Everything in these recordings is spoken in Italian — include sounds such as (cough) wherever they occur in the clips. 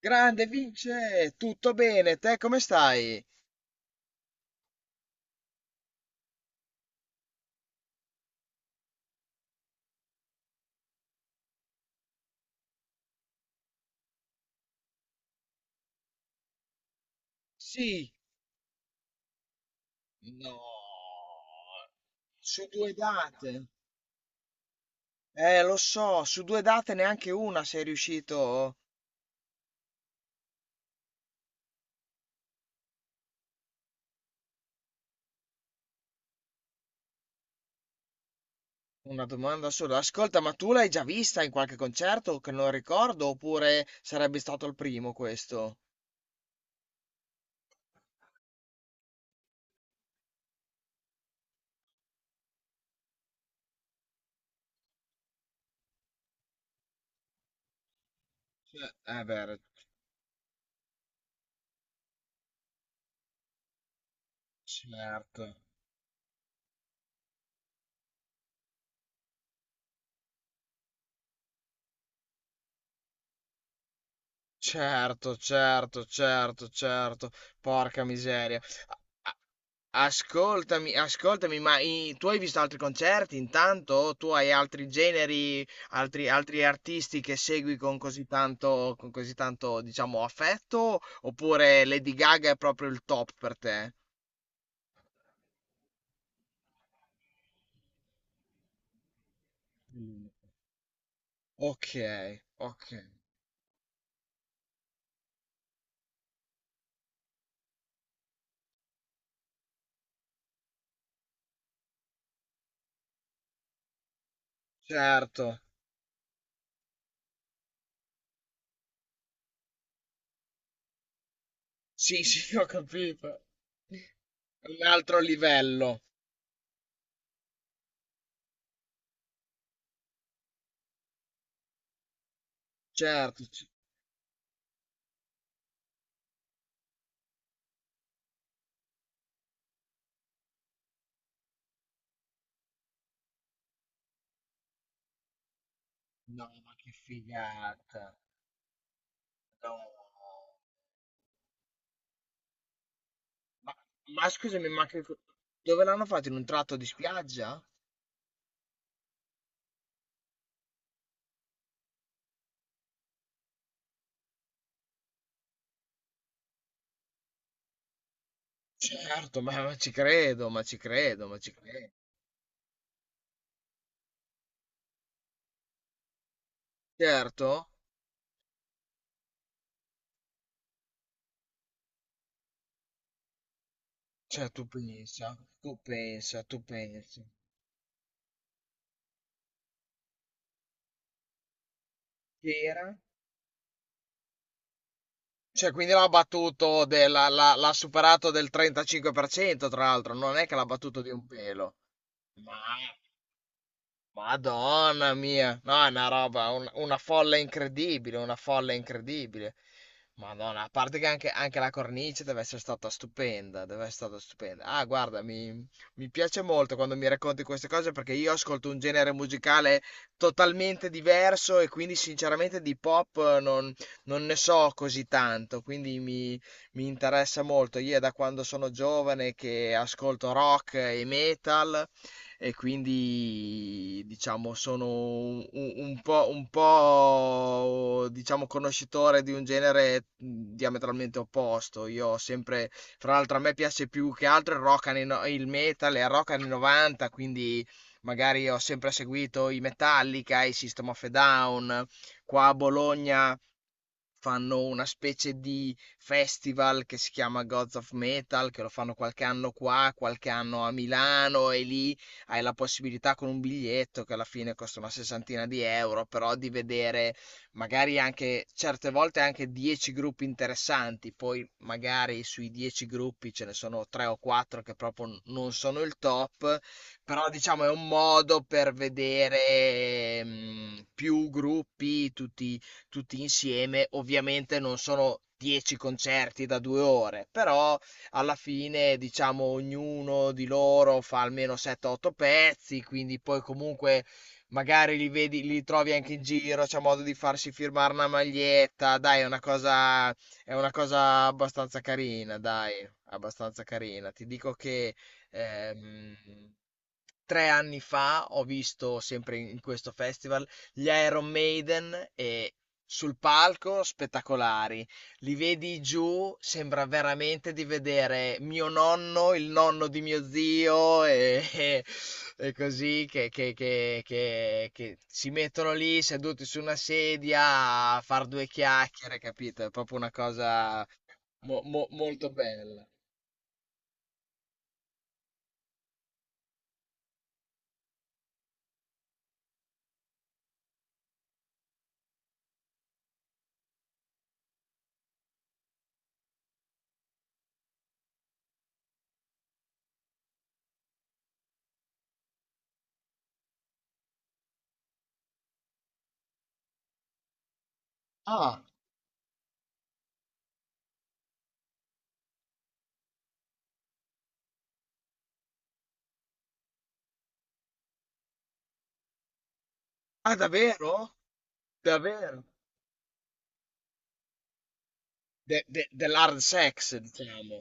Grande Vince, tutto bene? Te come stai? Sì. No. Su due date. Lo so, su due date neanche una sei riuscito. Una domanda sola. Ascolta, ma tu l'hai già vista in qualche concerto che non ricordo, oppure sarebbe stato il primo questo? Cioè. Eh beh. Certo. Certo, certo, certo, certo. Porca miseria. A- a- Ascoltami, ascoltami, ma tu hai visto altri concerti intanto? O tu hai altri generi, altri, altri artisti che segui con così tanto, diciamo, affetto? Oppure Lady Gaga è proprio il top per te? Mm. Ok, ok, certo. Sì, sì, (laughs) ho capito. Un altro livello. Certo. No, ma che figata. No. Ma, ma scusami, dove l'hanno fatto? In un tratto di spiaggia? Certo, ma ci credo, ma ci credo, ma ci credo. Certo? Cioè, tu pensa, tu pensa, tu pensa. C'era? Cioè, quindi l'ha battuto, l'ha superato del 35%, tra l'altro, non è che l'ha battuto di un pelo. Ma Madonna mia, no, è una roba, una folla incredibile, una folla incredibile. Madonna, a parte che anche, anche la cornice deve essere stata stupenda, deve essere stata stupenda. Ah, guarda, mi piace molto quando mi racconti queste cose perché io ascolto un genere musicale totalmente diverso e quindi sinceramente di pop non ne so così tanto, quindi mi interessa molto. Io è da quando sono giovane che ascolto rock e metal e quindi diciamo sono un po', diciamo conoscitore di un genere diametralmente opposto. Io ho sempre, fra l'altro a me piace più che altro il rock anni, no- il metal e il rock anni 90, quindi magari ho sempre seguito i Metallica, i System of a Down. Qua a Bologna fanno una specie di festival che si chiama Gods of Metal, che lo fanno qualche anno qua, qualche anno a Milano e lì hai la possibilità, con un biglietto che alla fine costa una sessantina di euro, però, di vedere magari anche, certe volte, anche 10 gruppi interessanti. Poi magari sui 10 gruppi ce ne sono 3 o 4 che proprio non sono il top, però diciamo è un modo per vedere mm, più gruppi, tutti insieme. Ovviamente non sono 10 concerti da 2 ore, però alla fine, diciamo, ognuno di loro fa almeno 7-8 pezzi, quindi poi comunque magari li vedi, li trovi anche in giro, c'è modo di farsi firmare una maglietta, dai, è una cosa abbastanza carina, dai, abbastanza carina. Ti dico che ehm, 3 anni fa ho visto sempre in questo festival gli Iron Maiden e, sul palco, spettacolari, li vedi giù, sembra veramente di vedere mio nonno, il nonno di mio zio, e e così, che si mettono lì seduti su una sedia a far due chiacchiere, capito? È proprio una cosa molto bella. Ah, ah, davvero? Davvero? Dell'hard sex, diciamo.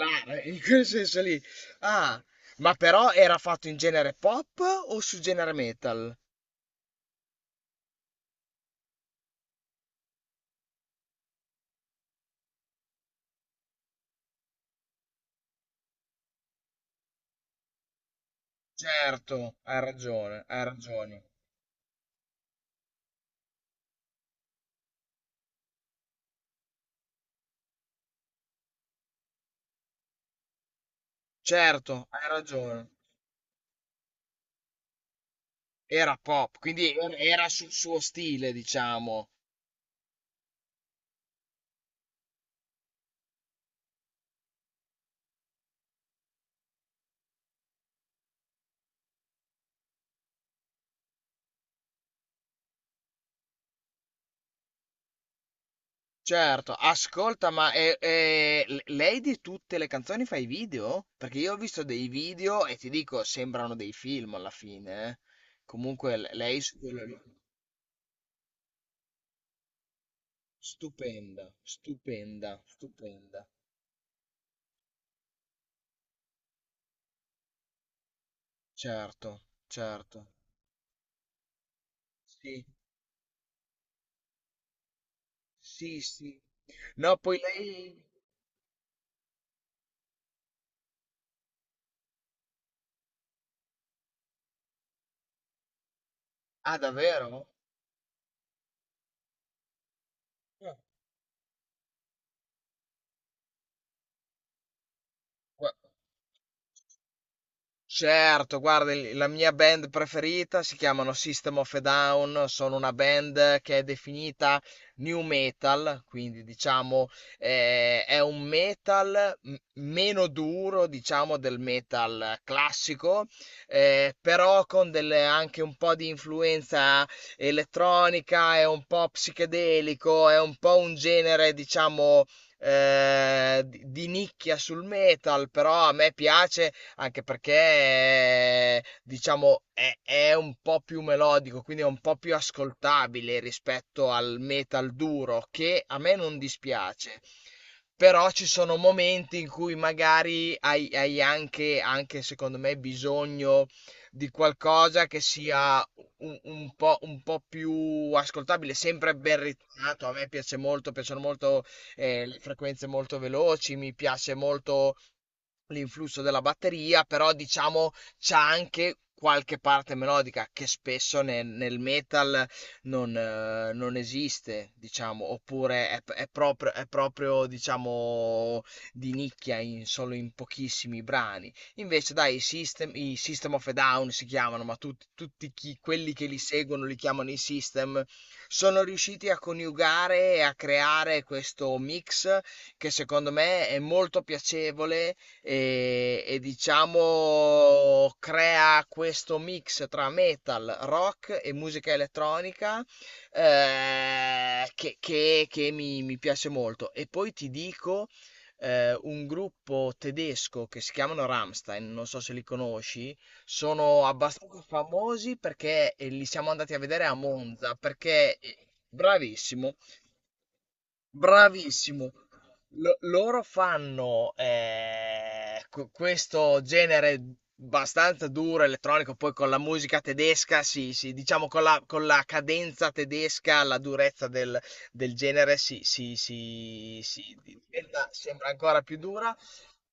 Lara, in quel senso lì. Ah, ma però era fatto in genere pop o su genere metal? Certo, hai ragione, hai ragione. Certo, hai ragione. Era pop, quindi era era sul suo stile, diciamo. Certo, ascolta, ma lei di tutte le canzoni fa i video? Perché io ho visto dei video e ti dico, sembrano dei film alla fine. Eh. Comunque, lei su quello lì. Stupenda, stupenda, stupenda. Certo, certo. Sì, sì, sì. No, poi lei... Ah, davvero? Eh, Gua- Certo, guarda, la mia band preferita si chiamano System of a Down, sono una band che è definita new metal, quindi diciamo è un metal meno duro, diciamo, del metal classico, però con anche un po' di influenza elettronica, è un po' psichedelico, è un po' un genere, diciamo, di nicchia sul metal, però a me piace anche perché diciamo è, un po' più melodico, quindi è un po' più ascoltabile rispetto al metal duro, che a me non dispiace. Però ci sono momenti in cui magari hai anche, anche, secondo me, bisogno di qualcosa che sia un po' più ascoltabile, sempre ben ritonato. A me piace molto, piacciono molto le frequenze molto veloci, mi piace molto l'influsso della batteria, però diciamo c'ha anche qualche parte melodica che spesso nel metal non esiste, diciamo, oppure è proprio, diciamo, di nicchia solo in pochissimi brani. Invece, dai, i System of a Down si chiamano, ma quelli che li seguono li chiamano i System, sono riusciti a coniugare e a creare questo mix che secondo me è molto piacevole e diciamo crea questo mix tra metal, rock e musica elettronica, che mi piace molto. E poi ti dico un gruppo tedesco che si chiamano Rammstein, non so se li conosci, sono abbastanza famosi perché, li siamo andati a vedere a Monza, perché... Bravissimo. Bravissimo. Lo loro fanno, q questo genere abbastanza duro, elettronico, poi con la musica tedesca si diciamo con la cadenza tedesca, la durezza del genere si diventa, sembra ancora più dura,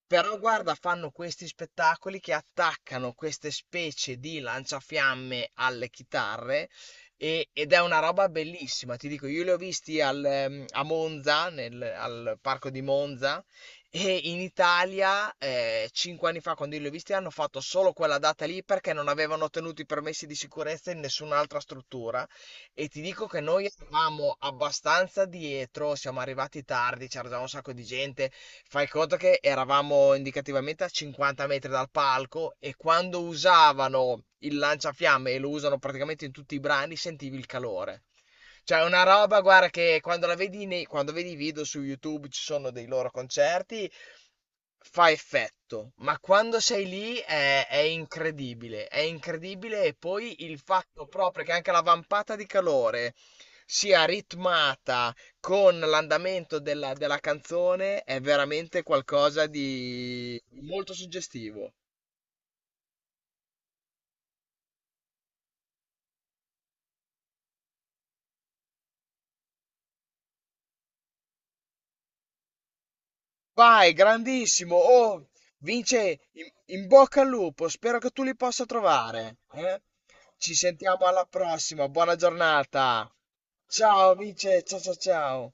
però guarda, fanno questi spettacoli che attaccano queste specie di lanciafiamme alle chitarre ed è una roba bellissima, ti dico, io li ho visti a Monza, nel al parco di Monza, e in Italia, 5 anni fa, quando io li ho visti, hanno fatto solo quella data lì perché non avevano ottenuto i permessi di sicurezza in nessun'altra struttura. E ti dico che noi eravamo abbastanza dietro, siamo arrivati tardi, c'era già un sacco di gente. Fai conto che eravamo indicativamente a 50 metri dal palco e quando usavano il lanciafiamme, e lo usano praticamente in tutti i brani, sentivi il calore. Cioè, è una roba, guarda, che quando la vedi quando vedi i video su YouTube, ci sono dei loro concerti, fa effetto, ma quando sei lì è incredibile, è incredibile. E poi il fatto proprio che anche la vampata di calore sia ritmata con l'andamento della canzone è veramente qualcosa di molto suggestivo. Vai, grandissimo! Oh, Vince, in bocca al lupo, spero che tu li possa trovare. Eh? Ci sentiamo alla prossima, buona giornata! Ciao Vince, ciao ciao ciao!